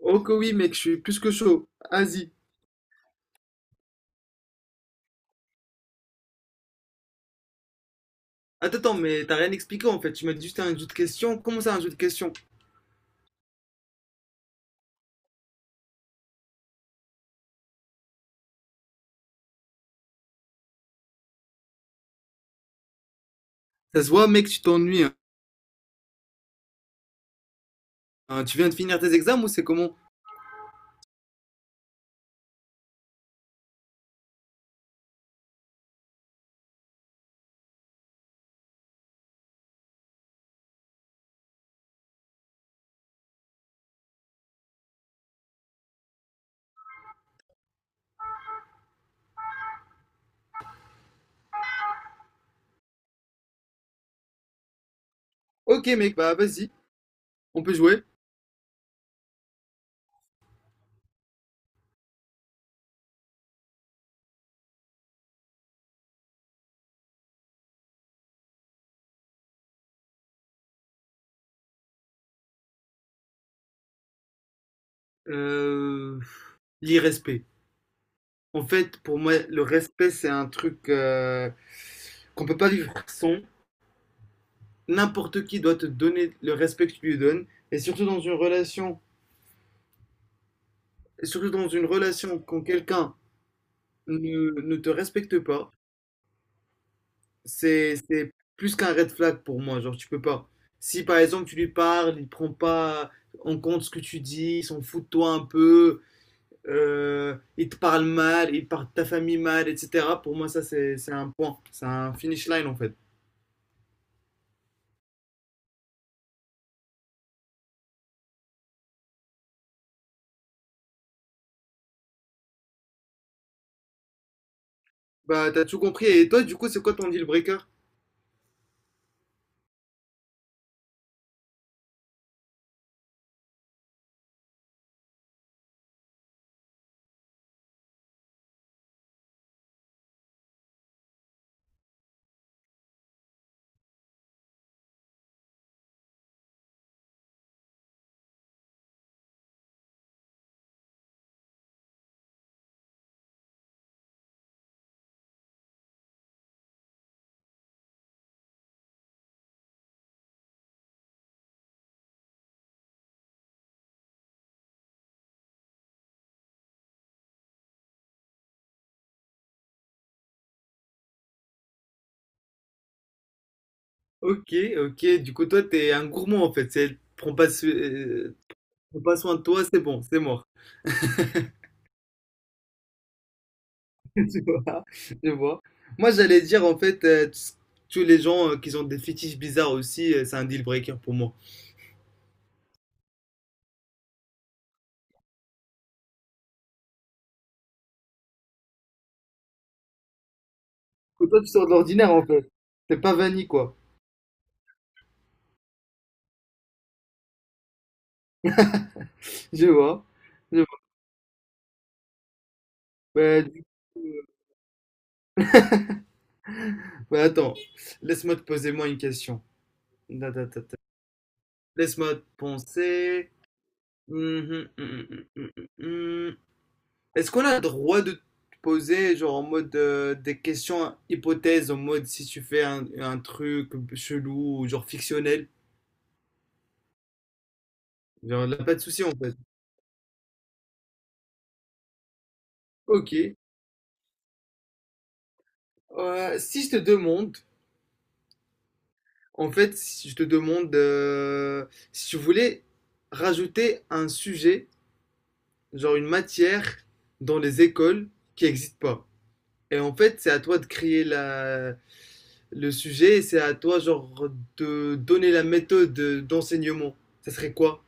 Oh que oui mec, je suis plus que chaud. Vas-y. Attends, attends, mais t'as rien expliqué en fait. Tu m'as dit juste un jeu de questions. Comment ça un jeu de questions? Ça se voit mec, tu t'ennuies, hein. Hein, tu viens de finir tes examens ou c'est comment? Ok mec, bah vas-y, on peut jouer. Euh... L'irrespect. En fait, pour moi, le respect c'est un truc qu'on peut pas vivre sans. N'importe qui doit te donner le respect que tu lui donnes. Et surtout dans une relation, et surtout dans une relation quand quelqu'un ne te respecte pas. C'est plus qu'un red flag pour moi, genre tu peux pas. Si par exemple tu lui parles, il prend pas en compte ce que tu dis, il s'en fout de toi un peu, il te parle mal, il parle de ta famille mal, etc. Pour moi ça c'est un point, c'est un finish line en fait. Bah t'as tout compris. Et toi du coup c'est quoi ton deal breaker? Ok, ok, du coup toi t'es un gourmand en fait, c'est prends pas, so- prends pas soin de toi, c'est bon, c'est mort. Tu vois, je vois. Moi, j'allais dire, en fait, tous les gens qui ont des fétiches bizarres aussi, c'est un deal breaker pour moi. Que toi, tu sors de l'ordinaire, en fait. T'es pas vanille, quoi. Je vois. Je vois. Bah, du coup, bah, attends, laisse-moi te poser moi une question. Da, da, da, da. Laisse-moi te penser. Mhm, mhm, mhm, mhm, mhm. Est-ce qu'on a le droit de te poser, genre, en mode des questions hypothèses, en mode si tu fais un truc chelou ou genre fictionnel? Genre, là, pas de souci en fait. Ok. Si je te demande, en fait, Si je te demande si tu voulais rajouter un sujet, genre une matière dans les écoles qui n'existe pas. Et en fait, c'est à toi de créer le sujet et c'est à toi, genre, de donner la méthode d'enseignement. Ça serait quoi?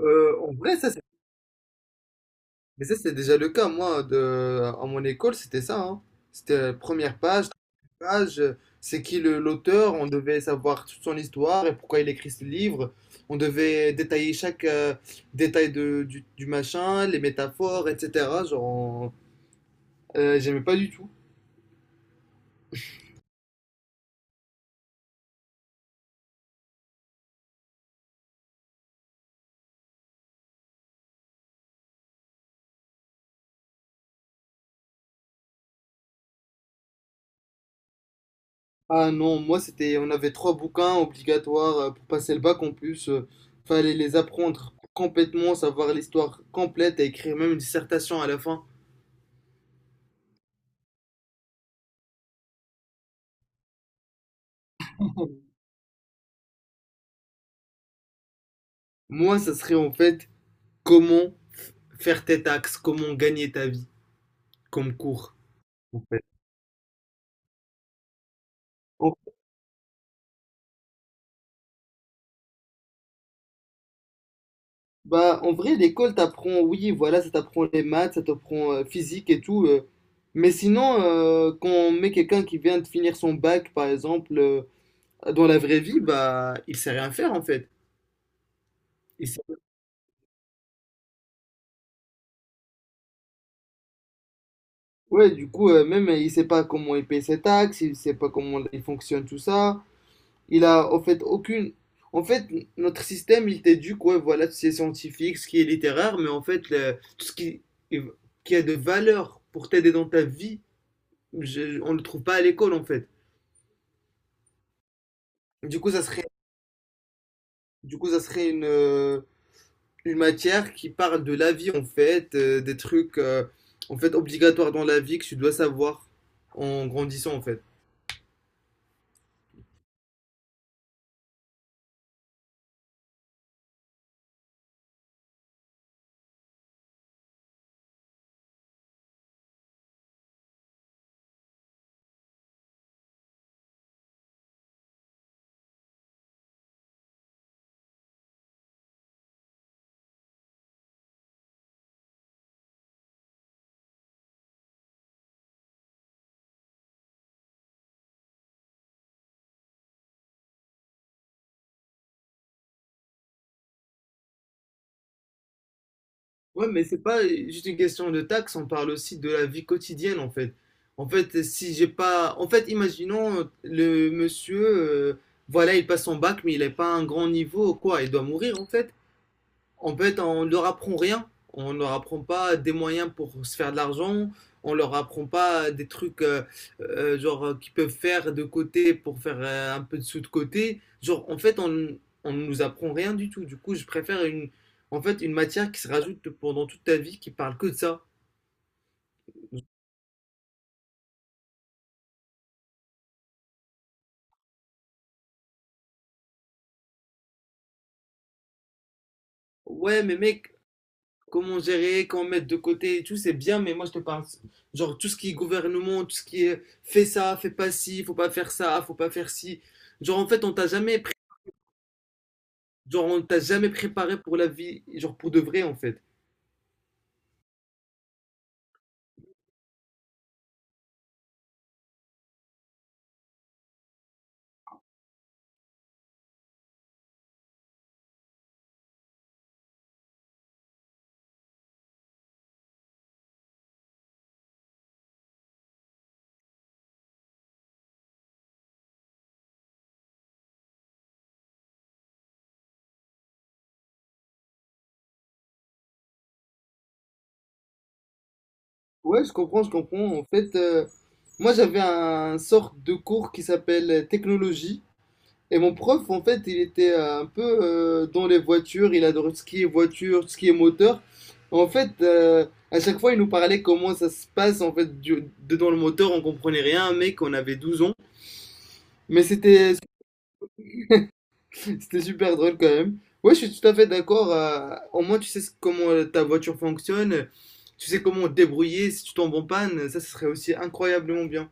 Euh, en vrai, ça, Mais ça, c'était déjà le cas. À mon école, c'était ça, hein. C'était première page, deuxième page, l'auteur, on devait savoir toute son histoire et pourquoi il écrit ce livre. On devait détailler chaque détail du machin, les métaphores, etc. J'aimais pas du tout. Ah non, on avait trois bouquins obligatoires pour passer le bac en plus. Fallait les apprendre complètement, savoir l'histoire complète et écrire même une dissertation à la fin. Moi, ça serait en fait comment faire tes taxes, comment gagner ta vie comme cours, en fait. En- Bah, en vrai, l'école t'apprend, oui, voilà, ça t'apprend les maths, ça t'apprend physique et tout. Mais sinon, quand on met quelqu'un qui vient de finir son bac, par exemple, dans la vraie vie, bah, il sait rien faire en fait. Il sait- ouais, du coup, même il sait pas comment il paye ses taxes, il sait pas comment il fonctionne tout ça. Il a en fait aucune. En fait, notre système, il t'éduque, ouais, voilà, tout ce qui est scientifique, ce qui est littéraire, mais en fait, tout ce qui a de valeur pour t'aider dans ta vie, on ne le trouve pas à l'école, en fait. Du coup, ça serait, du coup, ça serait une matière qui parle de la vie, en fait, des trucs obligatoires dans la vie que tu dois savoir en grandissant, en fait. Ouais, mais c'est pas juste une question de taxes. On parle aussi de la vie quotidienne en fait. En fait, si j'ai pas. En fait, imaginons le monsieur, voilà, il passe son bac, mais il n'est pas à un grand niveau, ou quoi, il doit mourir en fait. En fait, on ne leur apprend rien. On ne leur apprend pas des moyens pour se faire de l'argent. On ne leur apprend pas des trucs qu'ils peuvent faire de côté pour faire un peu de sous de côté. On ne nous apprend rien du tout. Du coup, je préfère une matière qui se rajoute pendant toute ta vie qui parle que de ça. Ouais, mais mec, comment gérer, comment mettre de côté et tout, c'est bien, mais moi je te parle, genre tout ce qui est gouvernement, tout ce qui est fais ça, fais pas ci, faut pas faire ça, faut pas faire ci. Genre en fait, on t'a jamais Genre, on t'a jamais préparé pour la vie, genre pour de vrai en fait. Ouais, je comprends, je comprends. En fait, moi j'avais un sorte de cours qui s'appelle technologie. Et mon prof, en fait, il était un peu dans les voitures. Il adorait tout ce qui est voiture, tout ce qui est moteur. En fait, euh, à chaque fois, il nous parlait comment ça se passe en fait dedans le moteur. On comprenait rien, mec, on avait 12 ans. Mais c'était C'était super drôle quand même. Ouais, je suis tout à fait d'accord. Au moins, tu sais comment ta voiture fonctionne. Tu sais comment te débrouiller si tu tombes en panne. Ça, ce serait aussi incroyablement bien.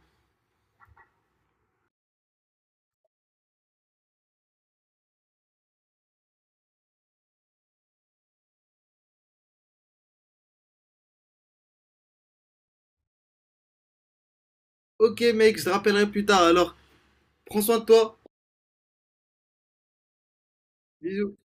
Ok, mec, je te rappellerai plus tard. Alors, prends soin de toi. Bisous.